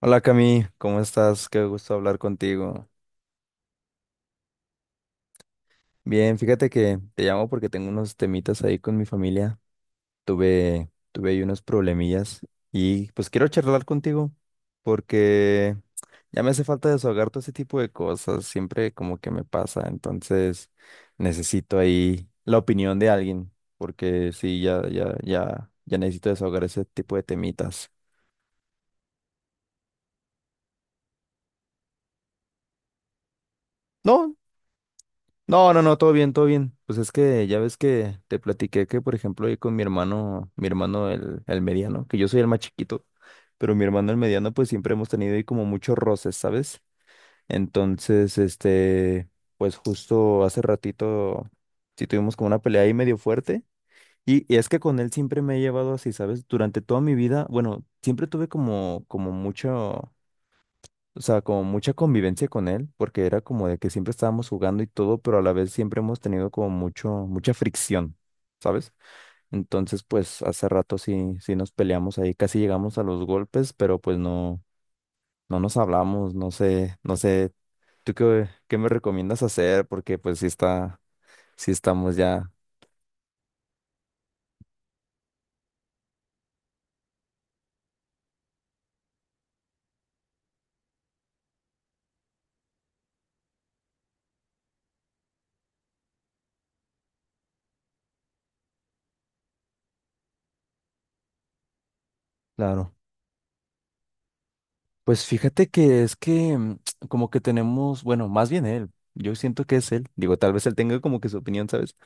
Hola Cami, ¿cómo estás? Qué gusto hablar contigo. Bien, fíjate que te llamo porque tengo unos temitas ahí con mi familia. Tuve ahí unos problemillas y pues quiero charlar contigo porque ya me hace falta desahogar todo ese tipo de cosas. Siempre como que me pasa, entonces necesito ahí la opinión de alguien porque sí, ya necesito desahogar ese tipo de temitas. No, no, no, no, todo bien, todo bien. Pues es que ya ves que te platiqué que, por ejemplo, ahí con mi hermano el mediano, que yo soy el más chiquito, pero mi hermano el mediano, pues siempre hemos tenido ahí como muchos roces, ¿sabes? Entonces, pues justo hace ratito sí tuvimos como una pelea ahí medio fuerte. Y es que con él siempre me he llevado así, ¿sabes? Durante toda mi vida, bueno, siempre tuve como mucho. O sea, como mucha convivencia con él, porque era como de que siempre estábamos jugando y todo, pero a la vez siempre hemos tenido como mucho, mucha fricción, ¿sabes? Entonces, pues hace rato sí nos peleamos ahí, casi llegamos a los golpes, pero pues no, no nos hablamos, no sé, ¿tú qué me recomiendas hacer? Porque pues sí está, sí estamos ya, claro. Pues fíjate que es que como que tenemos, bueno, más bien él, yo siento que es él, digo, tal vez él tenga como que su opinión, ¿sabes?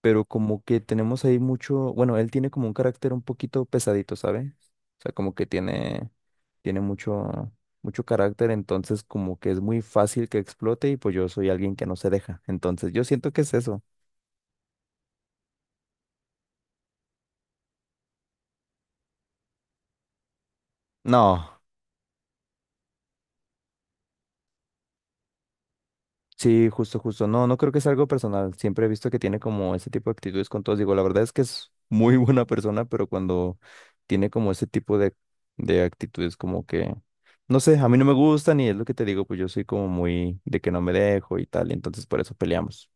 Pero como que tenemos ahí mucho, bueno, él tiene como un carácter un poquito pesadito, ¿sabe? O sea, como que tiene, tiene mucho, mucho carácter, entonces como que es muy fácil que explote y pues yo soy alguien que no se deja. Entonces yo siento que es eso. No. Sí, justo, justo. No, no creo que sea algo personal. Siempre he visto que tiene como ese tipo de actitudes con todos. Digo, la verdad es que es muy buena persona, pero cuando tiene como ese tipo de actitudes, como que, no sé, a mí no me gustan y es lo que te digo, pues yo soy como muy de que no me dejo y tal, y entonces por eso peleamos.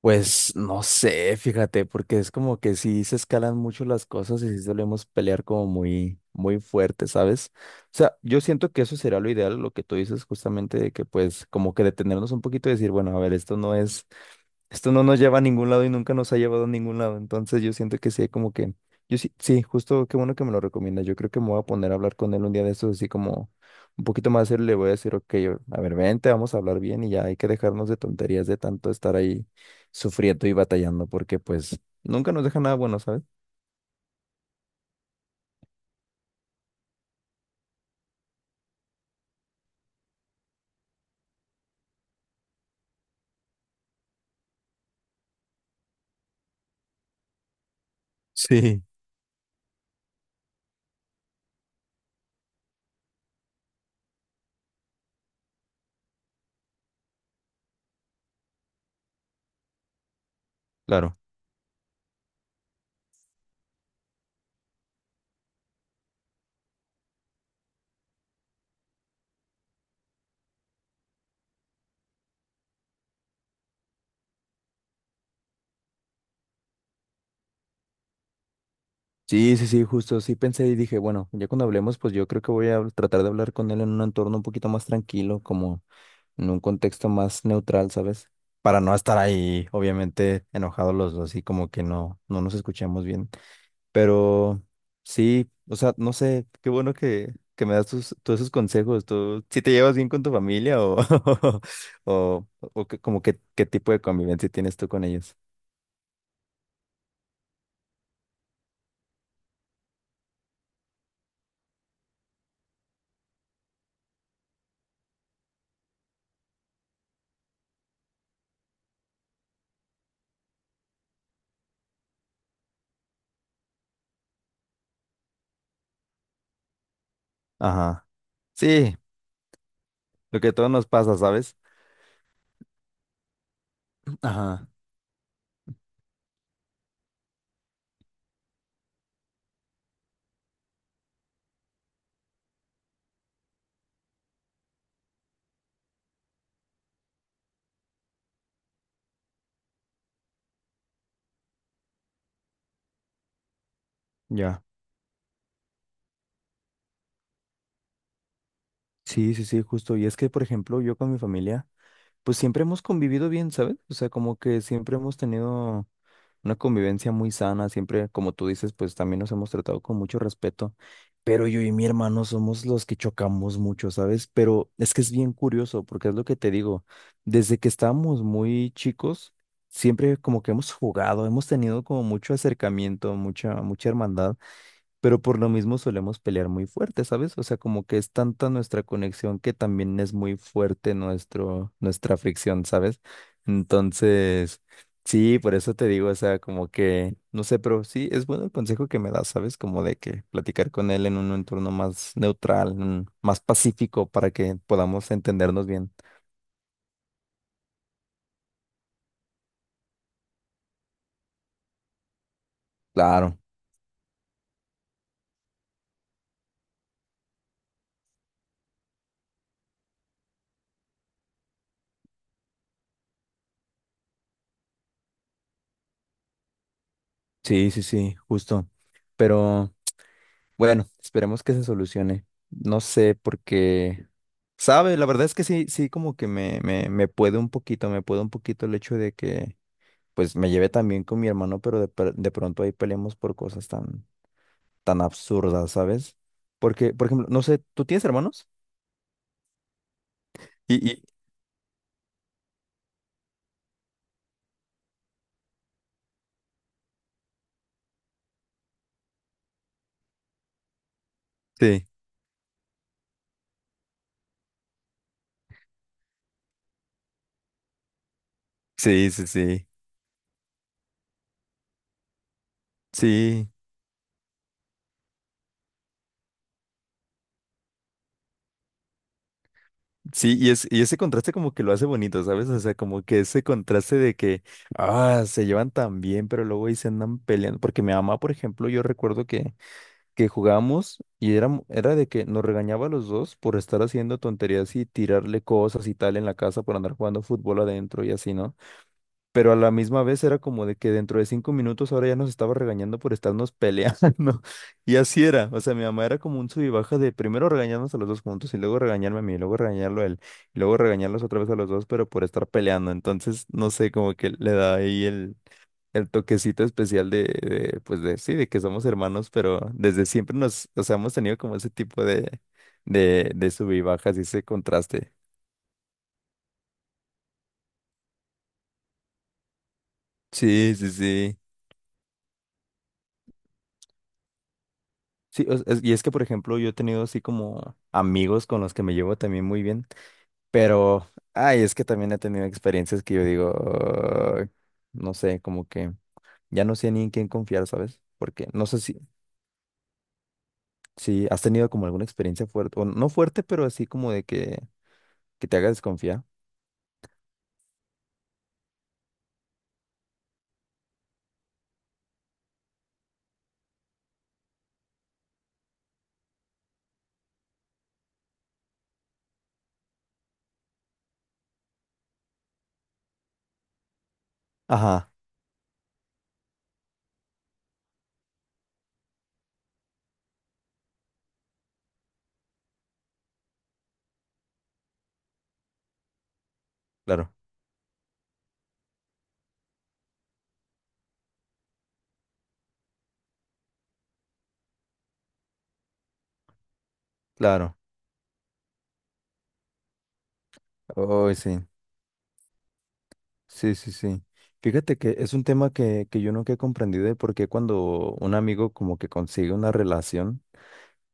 Pues no sé, fíjate, porque es como que sí se escalan mucho las cosas y sí solemos pelear como muy, muy fuerte, ¿sabes? O sea, yo siento que eso sería lo ideal, lo que tú dices justamente de que pues como que detenernos un poquito y decir, bueno, a ver, esto no nos lleva a ningún lado y nunca nos ha llevado a ningún lado. Entonces yo siento que sí, como que, yo sí, justo qué bueno que me lo recomienda. Yo creo que me voy a poner a hablar con él un día de estos, así como un poquito más serio, le voy a decir, ok, a ver, vente, vamos a hablar bien y ya hay que dejarnos de tonterías de tanto estar ahí sufriendo y batallando, porque pues nunca nos deja nada bueno, ¿sabes? Sí, claro. Sí, sí, sí, justo, sí pensé y dije, bueno, ya cuando hablemos, pues yo creo que voy a tratar de hablar con él en un entorno un poquito más tranquilo, como en un contexto más neutral, ¿sabes? Para no estar ahí, obviamente, enojados los dos y como que no, no nos escuchamos bien. Pero sí, o sea, no sé, qué bueno que me das tus, todos esos consejos. ¿Tú si te llevas bien con tu familia o, o, o, como que qué tipo de convivencia tienes tú con ellos? Ajá. Sí, lo que a todos nos pasa, ¿sabes? Ajá, ya. Sí, sí, sí, justo. Y es que, por ejemplo, yo con mi familia. Pues siempre hemos convivido bien, ¿sabes? O sea, como que siempre hemos tenido una convivencia muy sana, siempre, como tú dices, pues también nos hemos tratado con mucho respeto, pero yo y mi hermano somos los que chocamos mucho, ¿sabes? Pero es que es bien curioso, porque es lo que te digo, desde que estábamos muy chicos, siempre como que hemos jugado, hemos tenido como mucho acercamiento, mucha hermandad pero por lo mismo solemos pelear muy fuerte, ¿sabes? O sea, como que es tanta nuestra conexión que también es muy fuerte nuestra fricción, ¿sabes? Entonces, sí, por eso te digo, o sea, como que, no sé, pero sí, es bueno el consejo que me das, ¿sabes? Como de que platicar con él en un entorno más neutral, más pacífico, para que podamos entendernos bien. Claro, sí, sí, sí, justo. Pero... Bueno, esperemos que se solucione. No sé, porque, sabe, la verdad es que sí, sí, como que me puede un poquito, me puede un poquito el hecho de que, pues, me lleve también con mi hermano, pero de pronto ahí peleamos por cosas tan, tan absurdas, ¿sabes? Porque, por ejemplo, no sé, ¿tú tienes hermanos? Y, y- sí, sí, sí, sí, sí, sí, y ese contraste como que lo hace bonito, ¿sabes? O sea, como que ese contraste de que, ah, se llevan tan bien, pero luego ahí se andan peleando, porque mi mamá, por ejemplo, yo recuerdo que jugamos y era de que nos regañaba a los dos por estar haciendo tonterías y tirarle cosas y tal en la casa por andar jugando fútbol adentro y así, ¿no? Pero a la misma vez era como de que dentro de 5 minutos ahora ya nos estaba regañando por estarnos peleando. Y así era. O sea, mi mamá era como un sub y baja de primero regañarnos a los dos juntos y luego regañarme a mí, y luego regañarlo a él, y luego regañarlos otra vez a los dos, pero por estar peleando. Entonces, no sé, como que le da ahí el toquecito especial de, pues de, sí, de que somos hermanos, pero desde siempre nos, o sea, hemos tenido como ese tipo de sub y bajas y ese contraste. Sí, sí, sí. Sí, y es que, por ejemplo, yo he tenido así como amigos con los que me llevo también muy bien, pero, ay, es que también he tenido experiencias que yo digo, "Ay", no sé, como que ya no sé ni en quién confiar, ¿sabes? Porque no sé si, si has tenido como alguna experiencia fuerte, o no fuerte, pero así como de que te haga desconfiar. Ajá, claro, claro. Oh, sí, sí, sí, sí. Fíjate que es un tema que yo nunca he comprendido de por qué cuando un amigo como que consigue una relación,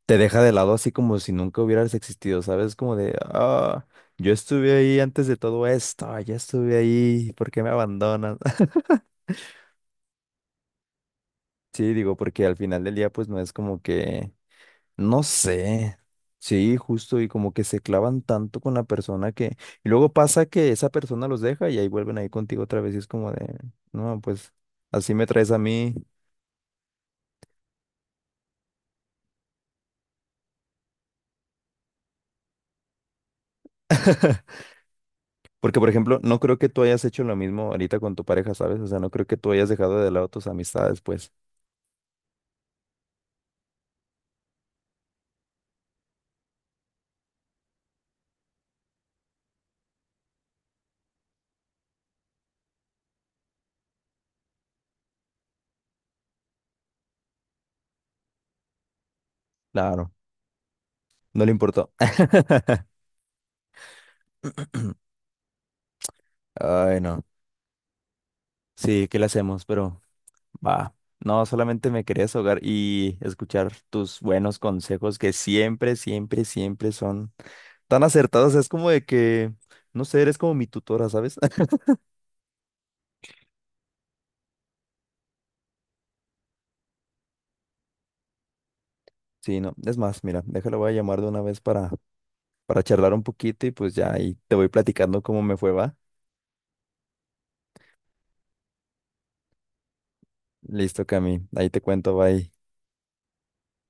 te deja de lado así como si nunca hubieras existido, ¿sabes? Como de, ah, yo estuve ahí antes de todo esto, ya estuve ahí, ¿por qué me abandonas? Sí, digo, porque al final del día pues no es como que... No sé. Sí, justo, y como que se clavan tanto con la persona que... Y luego pasa que esa persona los deja y ahí vuelven ahí contigo otra vez y es como de, no, pues así me traes a mí. Porque, por ejemplo, no creo que tú hayas hecho lo mismo ahorita con tu pareja, ¿sabes? O sea, no creo que tú hayas dejado de lado tus amistades, pues. Claro, no le importó. Ay, no. Sí, ¿qué le hacemos? Pero... Va, no, solamente me quería ahogar y escuchar tus buenos consejos que siempre, siempre, siempre son tan acertados. Es como de que, no sé, eres como mi tutora, ¿sabes? Sí, no, es más, mira, déjalo, voy a llamar de una vez para charlar un poquito y pues ya ahí te voy platicando cómo me fue, va. Listo, Cami, ahí te cuento, bye.